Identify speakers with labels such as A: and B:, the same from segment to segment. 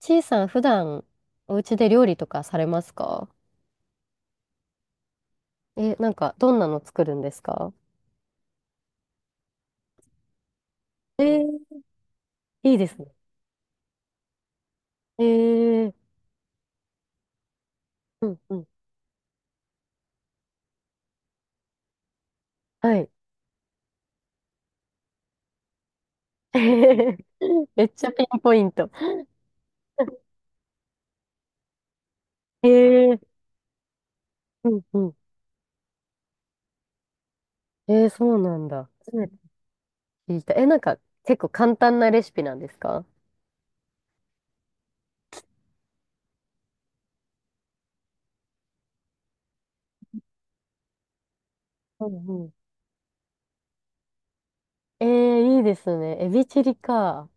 A: ちいさん、普段、お家で料理とかされますか？なんか、どんなの作るんですか？えー、いいですね。えー、うん、うん。はい。めっちゃピンポイント。えー、うん、うん。えー、そうなんだ。初めて聞いた。え、なんか、結構簡単なレシピなんですか？うんうん。えー、いいですね。エビチリか。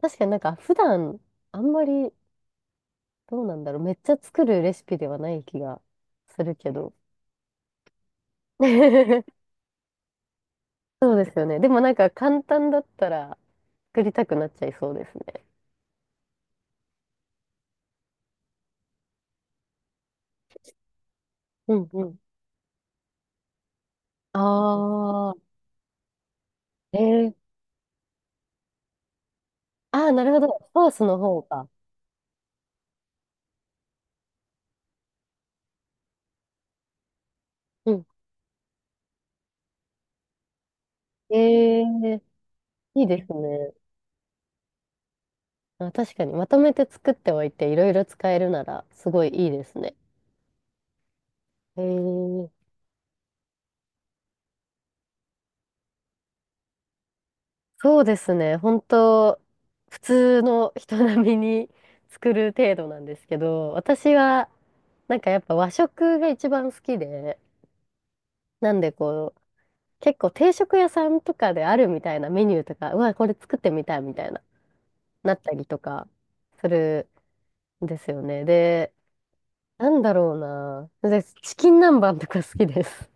A: 確かになんか、普段、あんまり、どうなんだろう。めっちゃ作るレシピではない気がするけど。そうですよね。でもなんか簡単だったら作りたくなっちゃいそうですね。うんうん。ああ、えー、ああ、なるほど。ソースの方か。うん。えー、いいですね。あ、確かに、まとめて作っておいて、いろいろ使えるなら、すごいいいですね。えー、そうですね。本当普通の人並みに作る程度なんですけど、私は、やっぱ和食が一番好きで、なんでこう、結構定食屋さんとかであるみたいなメニューとか、うわ、これ作ってみたいみたいな、なったりとかするんですよね。で、なんだろうな。でチキン南蛮とか好きです。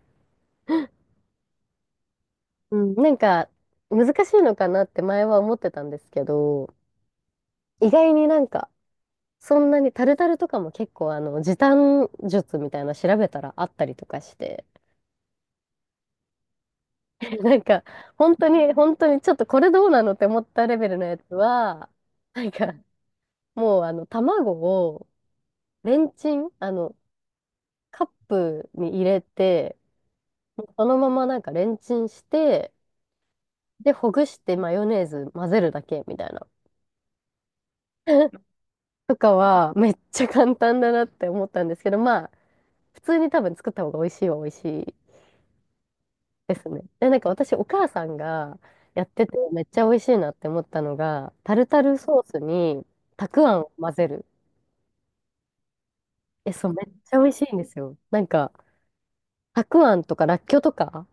A: うん、難しいのかなって前は思ってたんですけど、意外にそんなにタルタルとかも結構時短術みたいな調べたらあったりとかして。 なんか本当に本当にちょっとこれどうなのって思ったレベルのやつは、なんかもう卵をレンチン、カップに入れて、もうそのままレンチンして、で、ほぐしてマヨネーズ混ぜるだけみたいな。とかはめっちゃ簡単だなって思ったんですけど、まあ、普通に多分作った方が美味しいは美味しいですね。で、なんか私、お母さんがやっててめっちゃ美味しいなって思ったのが、タルタルソースにたくあんを混ぜる。え、そう、めっちゃ美味しいんですよ。なんか、たくあんとからっきょうとか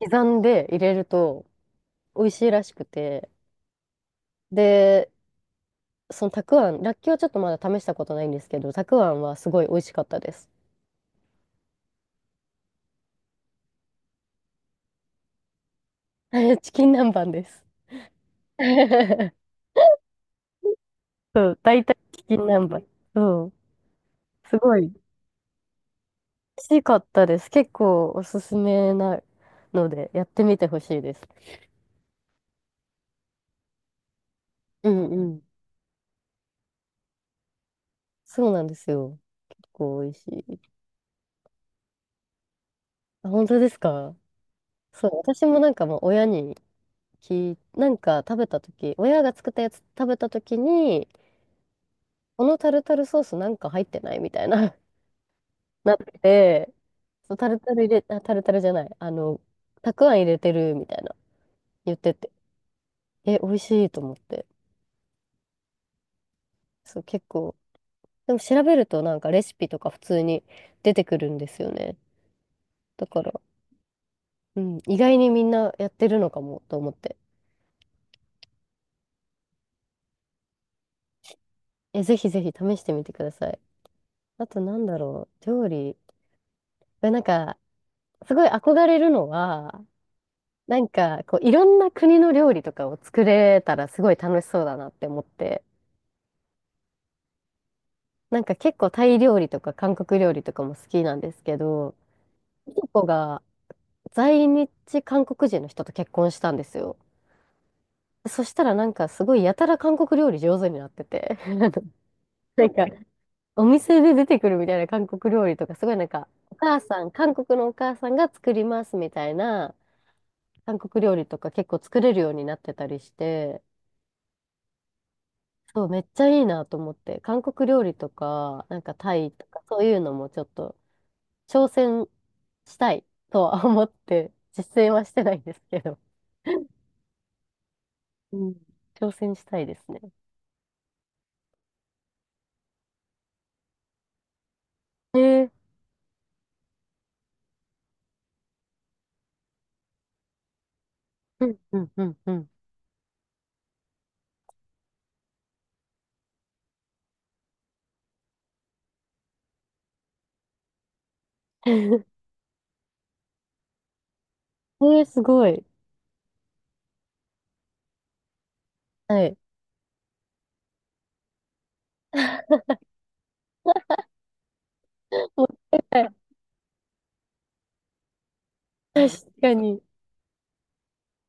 A: 刻んで入れると美味しいらしくて、で、そのたくあん、らっきょうちょっとまだ試したことないんですけど、たくあんはすごい美味しかったです。チキン南蛮です。そう、大体チキン南蛮。そう、すごい美味しかったです。結構おすすめなので、やってみてほしいです。うんうん。そうなんですよ。結構美味しい。あ、本当ですか？そう、私もなんかもう親に聞い、なんか食べた時親が作ったやつ食べた時に、このタルタルソースなんか入ってないみたいな。 なって、そうタルタル入れ、あ、タルタルじゃない、たくあん入れてるみたいな言ってて、え、美味しいと思って、そう、結構、でも調べるとなんかレシピとか普通に出てくるんですよね。だから、うん、意外にみんなやってるのかもと思って、え、ぜひぜひ試してみてください。あとなんだろう、料理、えすごい憧れるのは、いろんな国の料理とかを作れたらすごい楽しそうだなって思って、結構タイ料理とか韓国料理とかも好きなんですけど、いとこが在日韓国人の人と結婚したんですよ。そしたらなんかすごいやたら韓国料理上手になってて、かお店で出てくるみたいな韓国料理とか、すごいなんか、お母さん、韓国のお母さんが作りますみたいな韓国料理とか結構作れるようになってたりして、そう、めっちゃいいなと思って、韓国料理とか、なんかタイとか、そういうのもちょっと挑戦したいとは思って、実践はしてないんですけど、うん、挑戦したいですね。えー、うん、うん、うん、うん。えー、すごい。はい。もったいない。 確かに。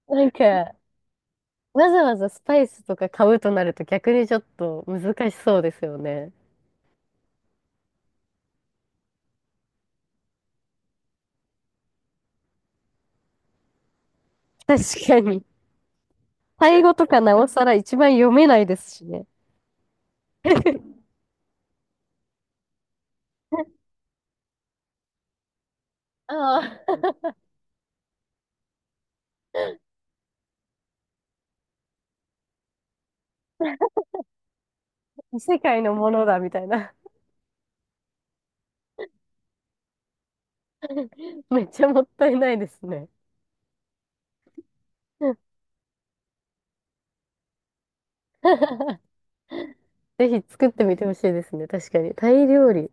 A: なんか、わざわざスパイスとか買うとなると逆にちょっと難しそうですよね。確かに。タイ語とかなおさら一番読めないですしね。ああ。異世界のものだみたいな。めっちゃもったいないですね。ぜひ作ってみてほしいですね。確かに。タイ料理。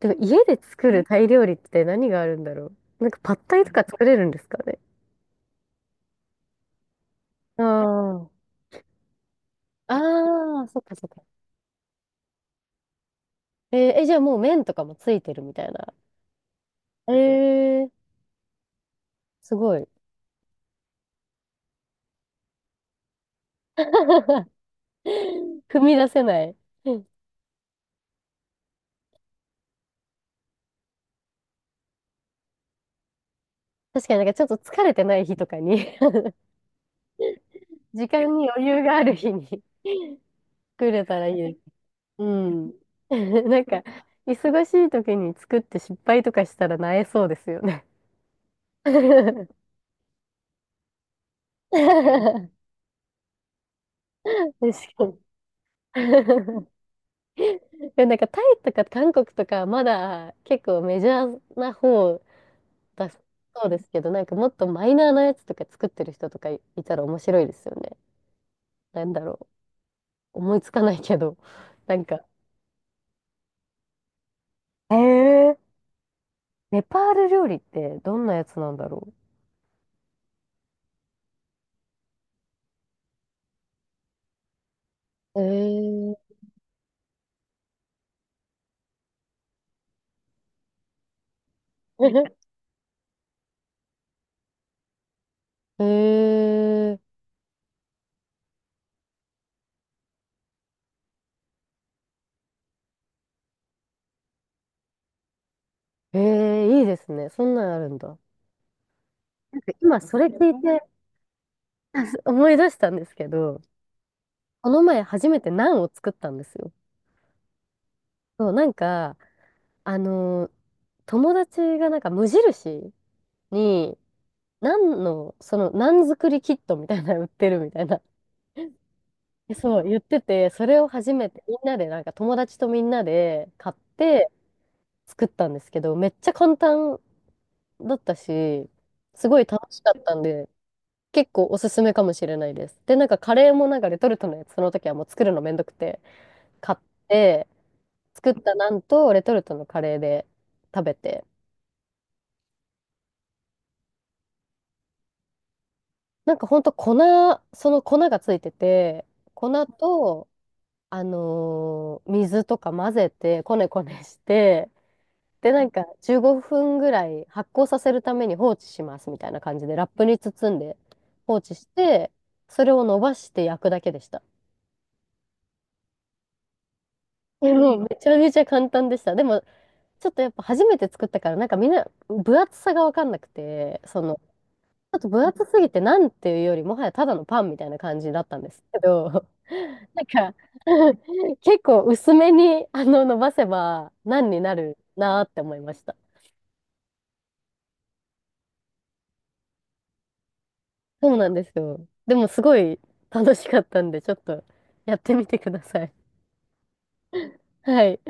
A: でも家で作るタイ料理って何があるんだろう。なんかパッタイとか作れるんですかね。ああ。ああ、そっかそっか。えーえじゃあもう麺とかもついてるみたいな。えー、すごい。踏み出せない。確かになんかちょっと疲れてない日とかに。 時間に余裕がある日に 作れたらいい。うん。なんか、忙しい時に作って失敗とかしたらなえそうですよね。確かに。でもなんかタイとか韓国とかまだ結構メジャーな方だそうですけど、なんかもっとマイナーなやつとか作ってる人とかいたら面白いですよね。なんだろう。思いつかないけど。なんか、えー、ネパール料理ってどんなやつなんだろう。えー、えーええ、いいですね。そんなんあるんだ。なんか今それ聞いて 思い出したんですけど、この前初めてナンを作ったんですよ。そう、あのー友達がなんか無印に、ナンの、その、ナン作りキットみたいなの売ってるみたいな。でそう、言ってて、それを初めてみんなで、なんか友達とみんなで買って作ったんですけど、めっちゃ簡単だったし、すごい楽しかったんで、結構おすすめかもしれないです。で、なんかカレーもなんかレトルトのやつ、その時はもう作るのめんどくて、買って、作ったなんとレトルトのカレーで食べて、なんかほんと粉、その粉がついてて、粉と、水とか混ぜて、こねこねして、で、なんか15分ぐらい発酵させるために放置しますみたいな感じで、ラップに包んで放置して、それを伸ばして焼くだけでした。でもめちゃめちゃ簡単でした。でも、ちょっとやっぱ初めて作ったから、なんかみんな分厚さが分かんなくて、その、ちょっと分厚すぎてなんていうよりもはやただのパンみたいな感じだったんですけど、なんか 結構薄めに伸ばせば何になるなーって思いました。そうなんですよ。でもすごい楽しかったんで、ちょっとやってみてください。はい。